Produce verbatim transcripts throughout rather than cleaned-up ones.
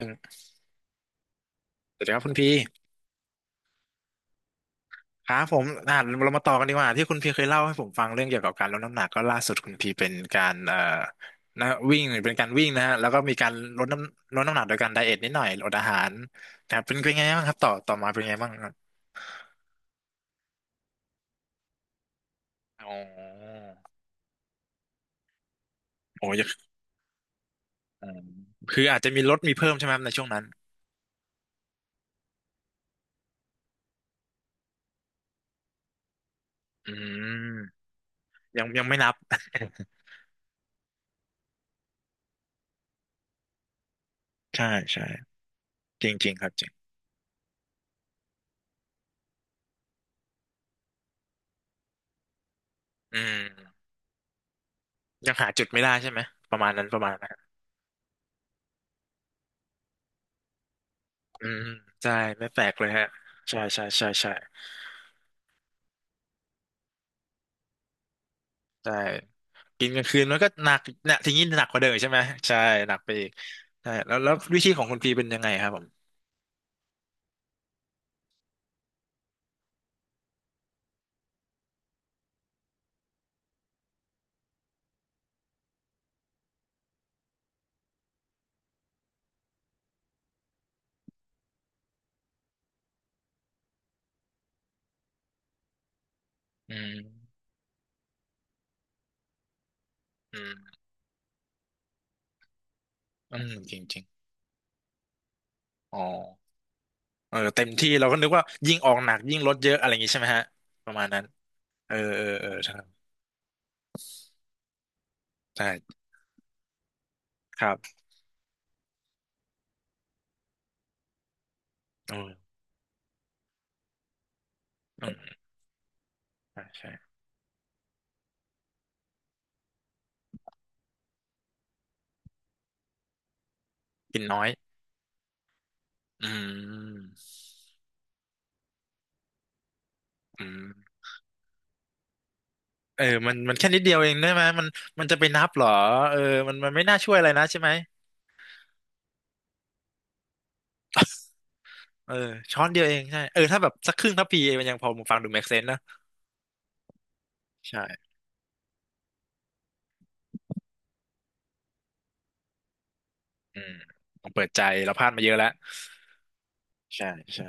สวัสดีครับคุณพีครับผมอ่าเรามาต่อกันดีกว่าที่คุณพีเคยเล่าให้ผมฟังเรื่องเกี่ยวกับการลดน้ำหนักก็ล่าสุดคุณพีเป็นการเอ่อนะวิ่งเป็นการวิ่งนะฮะแล้วก็มีการลดน้ำลดน้ำหนักโดยการไดเอทนิดหน่อยอดอาหารนะครับเป็นเป็นไงบ้างครับต่อต่อมาเป็นไงบ้างครับอ๋อโอ้ยอืมคืออาจจะมีลดมีเพิ่มใช่ไหมครับในช่วงนั้นอืมยังยังไม่นับ ใช่ใช่จริงจริงครับจริงอืมยังหาจุดไม่ได้ใช่ไหมประมาณนั้นประมาณนั้น อืมใช่ไม่แปลกเลยฮะใช่ใช่ใช่ใช่ใช่กินกลางคืนมันก็หนักเนี่ยทีนี้หนักกว่าเดิมอีกใช่ไหมใช่หนักไปอีกใช่แล้วแล้ววิธีของคุณพีเป็นยังไงครับผมอืมอืมอืมจริงจริงอ๋อเออเต็มที่เราก็นึกว่ายิ่งออกหนักยิ่งลดเยอะอะไรอย่างงี้ใช่ไหมฮะประมาณนั้นเออเออเออใช่ใช่ครับอืมอืมใช่ใช่กินน้อยอืมอืมเออมันมันแค่นิดเดียวเองได้ไหมมันมันจะไปนับเหรอเออมันมันไม่น่าช่วยอะไรนะใช่ไหม เออช้อนเดียวเองใช่เออถ้าแบบสักครึ่งทัพพีมันยังพอฟังดู make sense นะใช่อืมผมเปิดใจเราพลาดมาเยอะแล้วใช่ใช่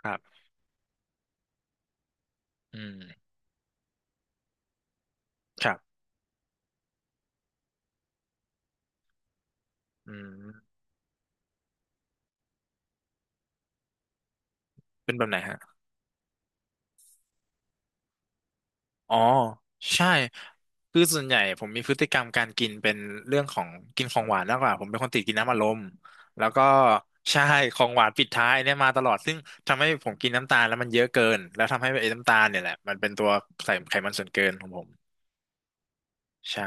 ครับอืมครับอืมเป็นแบบไหนฮะอ๋อใช่คือส่วนใหญ่ผมมีพฤติกรรมการกินเป็นเรื่องของกินของหวานมากกว่าผมเป็นคนติดกินน้ำอัดลมแล้วก็ใช่ของหวานปิดท้ายเนี่ยมาตลอดซึ่งทำให้ผมกินน้ำตาลแล้วมันเยอะเกินแล้วทำให้ไอ้น้ำตาลเนี่ยแหละมันเป็นตัวใส่ไขมันส่วนเกินของผม ใช่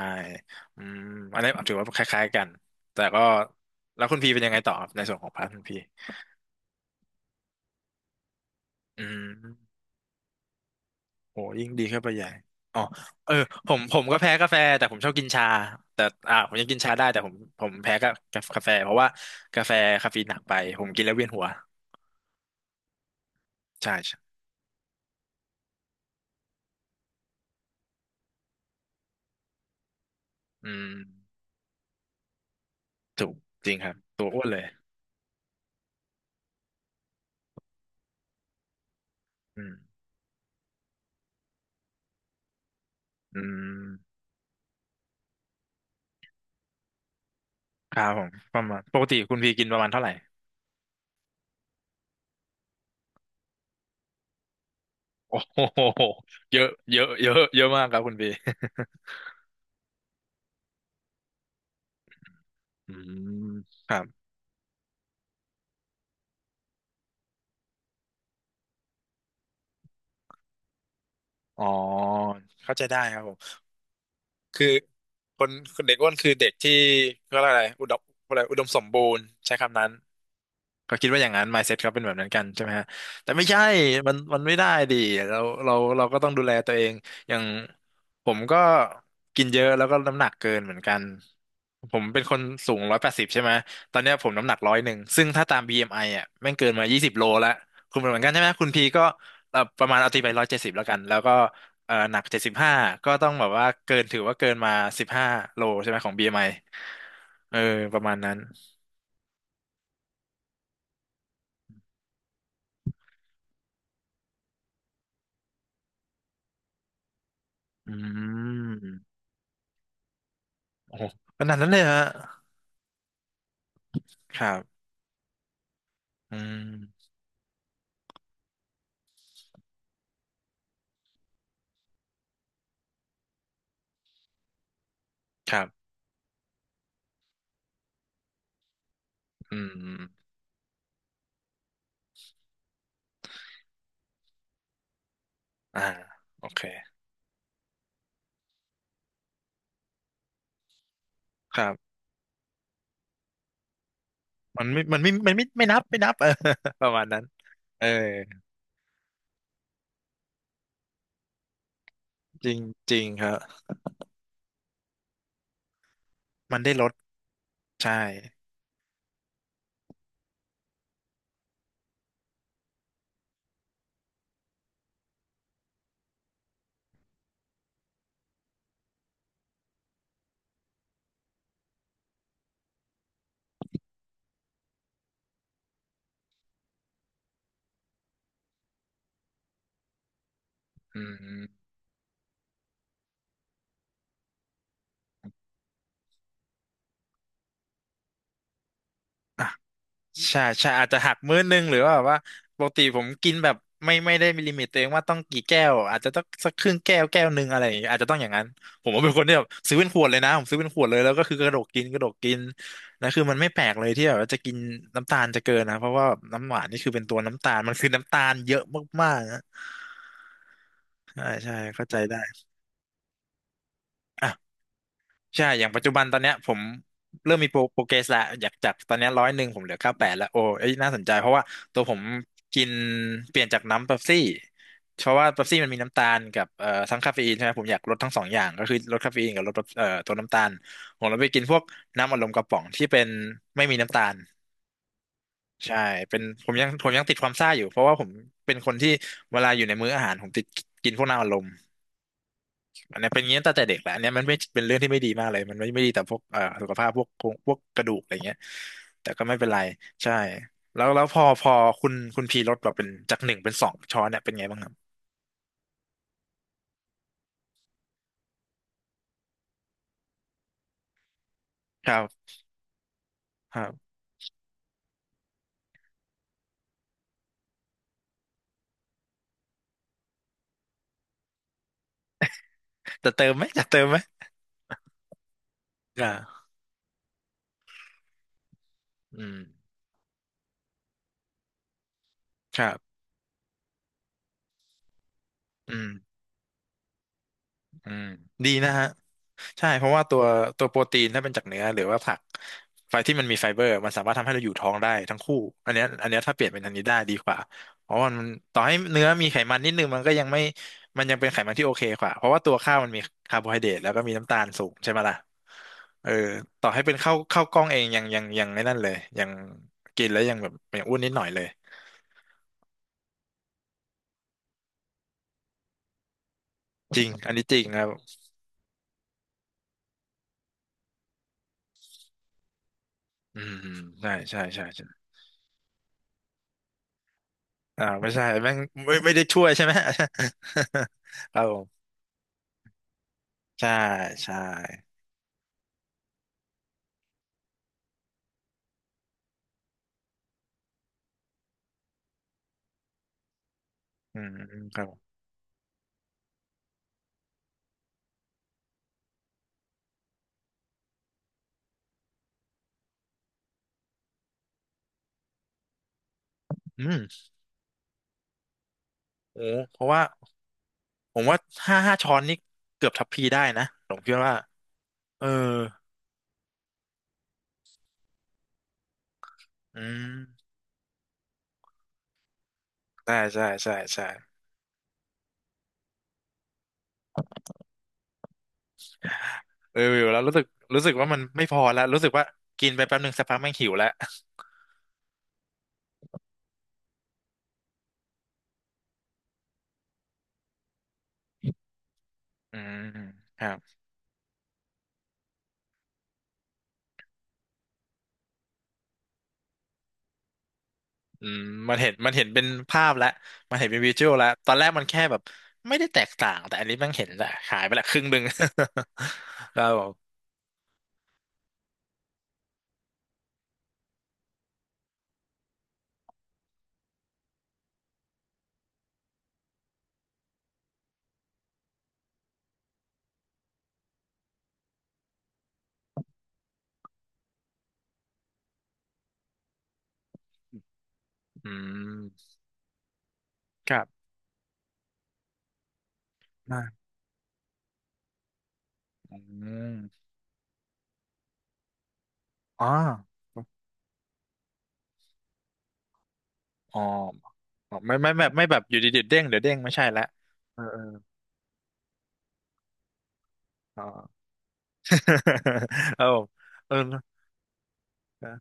อืมอันนี้ถือว่าคล้ายๆกัน แต่ก็แล้วคุณพีเป็นยังไงต่อครับในส่วนของพาร์ทคุณพีอืมโหยิ่งดีเข้าไปใหญ่อ๋อเออผมผมก็แพ้กาแฟแต่ผมชอบกินชา แต่ อ่าผมยังกินชาได้แต่ผมผมแพ้กากาแฟเพราะว่ากาแฟคาเฟอีนหนักไปผมกินแล้วเวียนหัวใช่ใช่ อืมถูกจริงครับ ตัวอ้วนเลย อืมอืมครับผมประมาณปกติคุณพีกินประมาณเท่าไหร่โอ้โหเยอะเยอะเยอะเยอะมากครับคุณพี อืมครับ อ๋อ เข้าใจได้ครับผมคือคนคนเด็กอ้วนคือเด็กที่เขาเรียกอะไรอุดมอะไร อุดมสมบูรณ์ใช้คำนั้น ก็คิดว่าอย่างนั้น mindset เขาเป็นแบบนั้นกันใช่ไหมฮะแต่ไม่ใช่มันมันไม่ได้ดิเราเราเราก็ต้องดูแลตัวเองอย่างผมก็กินเยอะแล้วก็น้ำหนักเกินเหมือนกันผมเป็นคนสูงร้อยแปดสิบใช่ไหมตอนเนี้ยผมน้ำหนักร้อยหนึ่งซึ่งถ้าตาม บี เอ็ม ไอ อมไออ่ะแม่งเกินมายี่สิบโลแล้วคุณเป็นเหมือนกันใช่ไหมคุณพีก็เอ่อประมาณเอาตีไปร้อยเจ็ดสิบแล้วกันแล้วก็เอ่อหนักเจ็ดสิบห้าก็ต้องแบบว่าเกินถือว่าเกินมาสิบห้าโลใช่ไหมของบีเอ็มไอเออประมาณนั้นอืม โอ้โหขนาดนั้นเลยฮะครับอืมครับอืมอมอ่าโอเคครับมันไม่มันไม่มันไม่ไม่นับไม่นับ เออ ประมาณนั้นเออจริงจริงครับมันได้ลดใช่อืมอ่ะ ใช่ใช่อาจจะหักมื้อนึงหรือว่าแบบว่าปกติผมกินแบบไม่ไม่ได้มีลิมิตตัวเองว่าต้องกี่แก้วอาจจะต้องสักครึ่งแก้วแก้วหนึ่งอะไรอย่างเงี้ยอาจจะต้องอย่างนั้นผมว่าเป็นคนที่แบบซื้อเป็นขวดเลยนะผมซื้อเป็นขวดเลยแล้วก็คือกระดกกินกระดกกินนะคือมันไม่แปลกเลยที่แบบว่าจะกินน้ำตาลจะเกินนะเพราะว่าน้ำหวานนี่คือเป็นตัวน้ำตาลมันคือน้ำตาลเยอะมากๆนะใช่ใช่เข้าใจได้ ใช่อย่างปัจจุบันตอนเนี้ยผมเริ่มมีโปรโปรเกรสและอยากจากตอนเนี้ร้อยหนึ่งผมเหลือเก้าแปดแล้วโอ้เอ้ยน่าสนใจเพราะว่าตัวผมกินเปลี่ยนจากน้ำเป๊ปซี่เพราะว่าเป๊ปซี่มันมีน้ำตาลกับเอ่อทั้งคาเฟอีนใช่ไหมผมอยากลดทั้งสองอย่างก็คือลดคาเฟอีนกับลดเอ่อตัวน้ำตาลผมเลยไปกินพวกน้ำอัดลมกระป๋องที่เป็นไม่มีน้ำตาลใช่เป็นผมยังผมยังติดความซ่าอยู่เพราะว่าผมเป็นคนที่เวลาอยู่ในมื้ออาหารผมติดกินพวกน้ำอัดลม อันเนี้ยเป็นอย่างนี้ตั้งแต่เด็กแหละอันเนี้ยมันไม่เป็นเรื่องที่ไม่ดีมากเลยมันไม่ไม่ดีต่อพวกเอ่อสุขภาพพวกโครงพวกกระดูกอะไรเงี้ยแต่ก็ไม่เป็นไรใช่แล้วแล้วพอพอคุณคุณพีลดแบบเป็นจากหนึ่งเป็นสองช้อนเนี่ยเป็นไงบ้างครับครับครับจะเติมไหมจะเติมไหมอ่าอืมครับอืมอืมดีนะฮะ ใช่เพราะว่าตัวตัวโปรตีนถ้าเป็นจากเนื้อหรือว่าผักไฟที่มันมีไฟเบอร์มันสามารถทำให้เราอยู่ท้องได้ทั้งคู่อันเนี้ยอันเนี้ยถ้าเปลี่ยนเป็นอันนี้ได้ดีกว่าเพราะว่ามันต่อให้เนื้อมีไขมันนิดนึงมันก็ยังไม่มันยังเป็นไขมันที่โอเคกว่าเพราะว่าตัวข้าวมันมีคาร์โบไฮเดรตแล้วก็มีน้ำตาลสูงใช่ไหมล่ะเออต่อให้เป็นข้าวข้าวกล้องเองยังยังยังไม่นั่นเลยยังกินแล้วยังแบบยังอ้วนนิดหน่อยเลยจริงอันนี้จริงครับอืมใช่ใช่ใช่ใช่อ่าไม่ใช่แม่งไม่ไม่ได้ช่วยใช่ไหม ครับผม ใช่ใช่อืมครับผมอืมโอ้เพราะว่าผมว่าห้าห้าช้อนนี่เกือบทัพพีได้นะผมคิดว่าเอออืมใช่ใช่ใช่ใช่เอออยู่แล้วรู้สึกรู้สึกว่ามันไม่พอแล้วรู้สึกว่ากินไปแป๊บหนึ่งสักพักแม่งหิวแล้วอืมครับอืมมันเห็นมันเห็นเป็นภาพแล้วมันเห็นเป็นวิชวลแล้วตอนแรกมันแค่แบบไม่ได้แตกต่างแต่อันนี้แม่งเห็นแหละหายไปละครึ่งหนึ่ง แล้วผมอืมครับอ่าอืมอ๋อ อ๋ออ๋อไม่ไม่แบบไม่แบบอยู่ดีๆเด้งเดี๋ยวเด้งไม่ใช่ละเออเอออ๋อ เอาเออ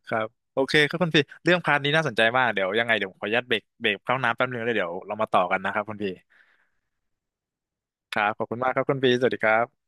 ครับโอเคครับคุณพี่เรื่องพาร์ทนี้น่าสนใจมากเดี๋ยวยังไงเดี๋ยวผมขออนุญาตเบรกเบรกเข้าน้ำแป๊บนึงแล้วเดี๋ยวเรามาต่อกันนะครับคุณพี่ครับขอบคุณมากครับคุณพี่สวัสดีครับ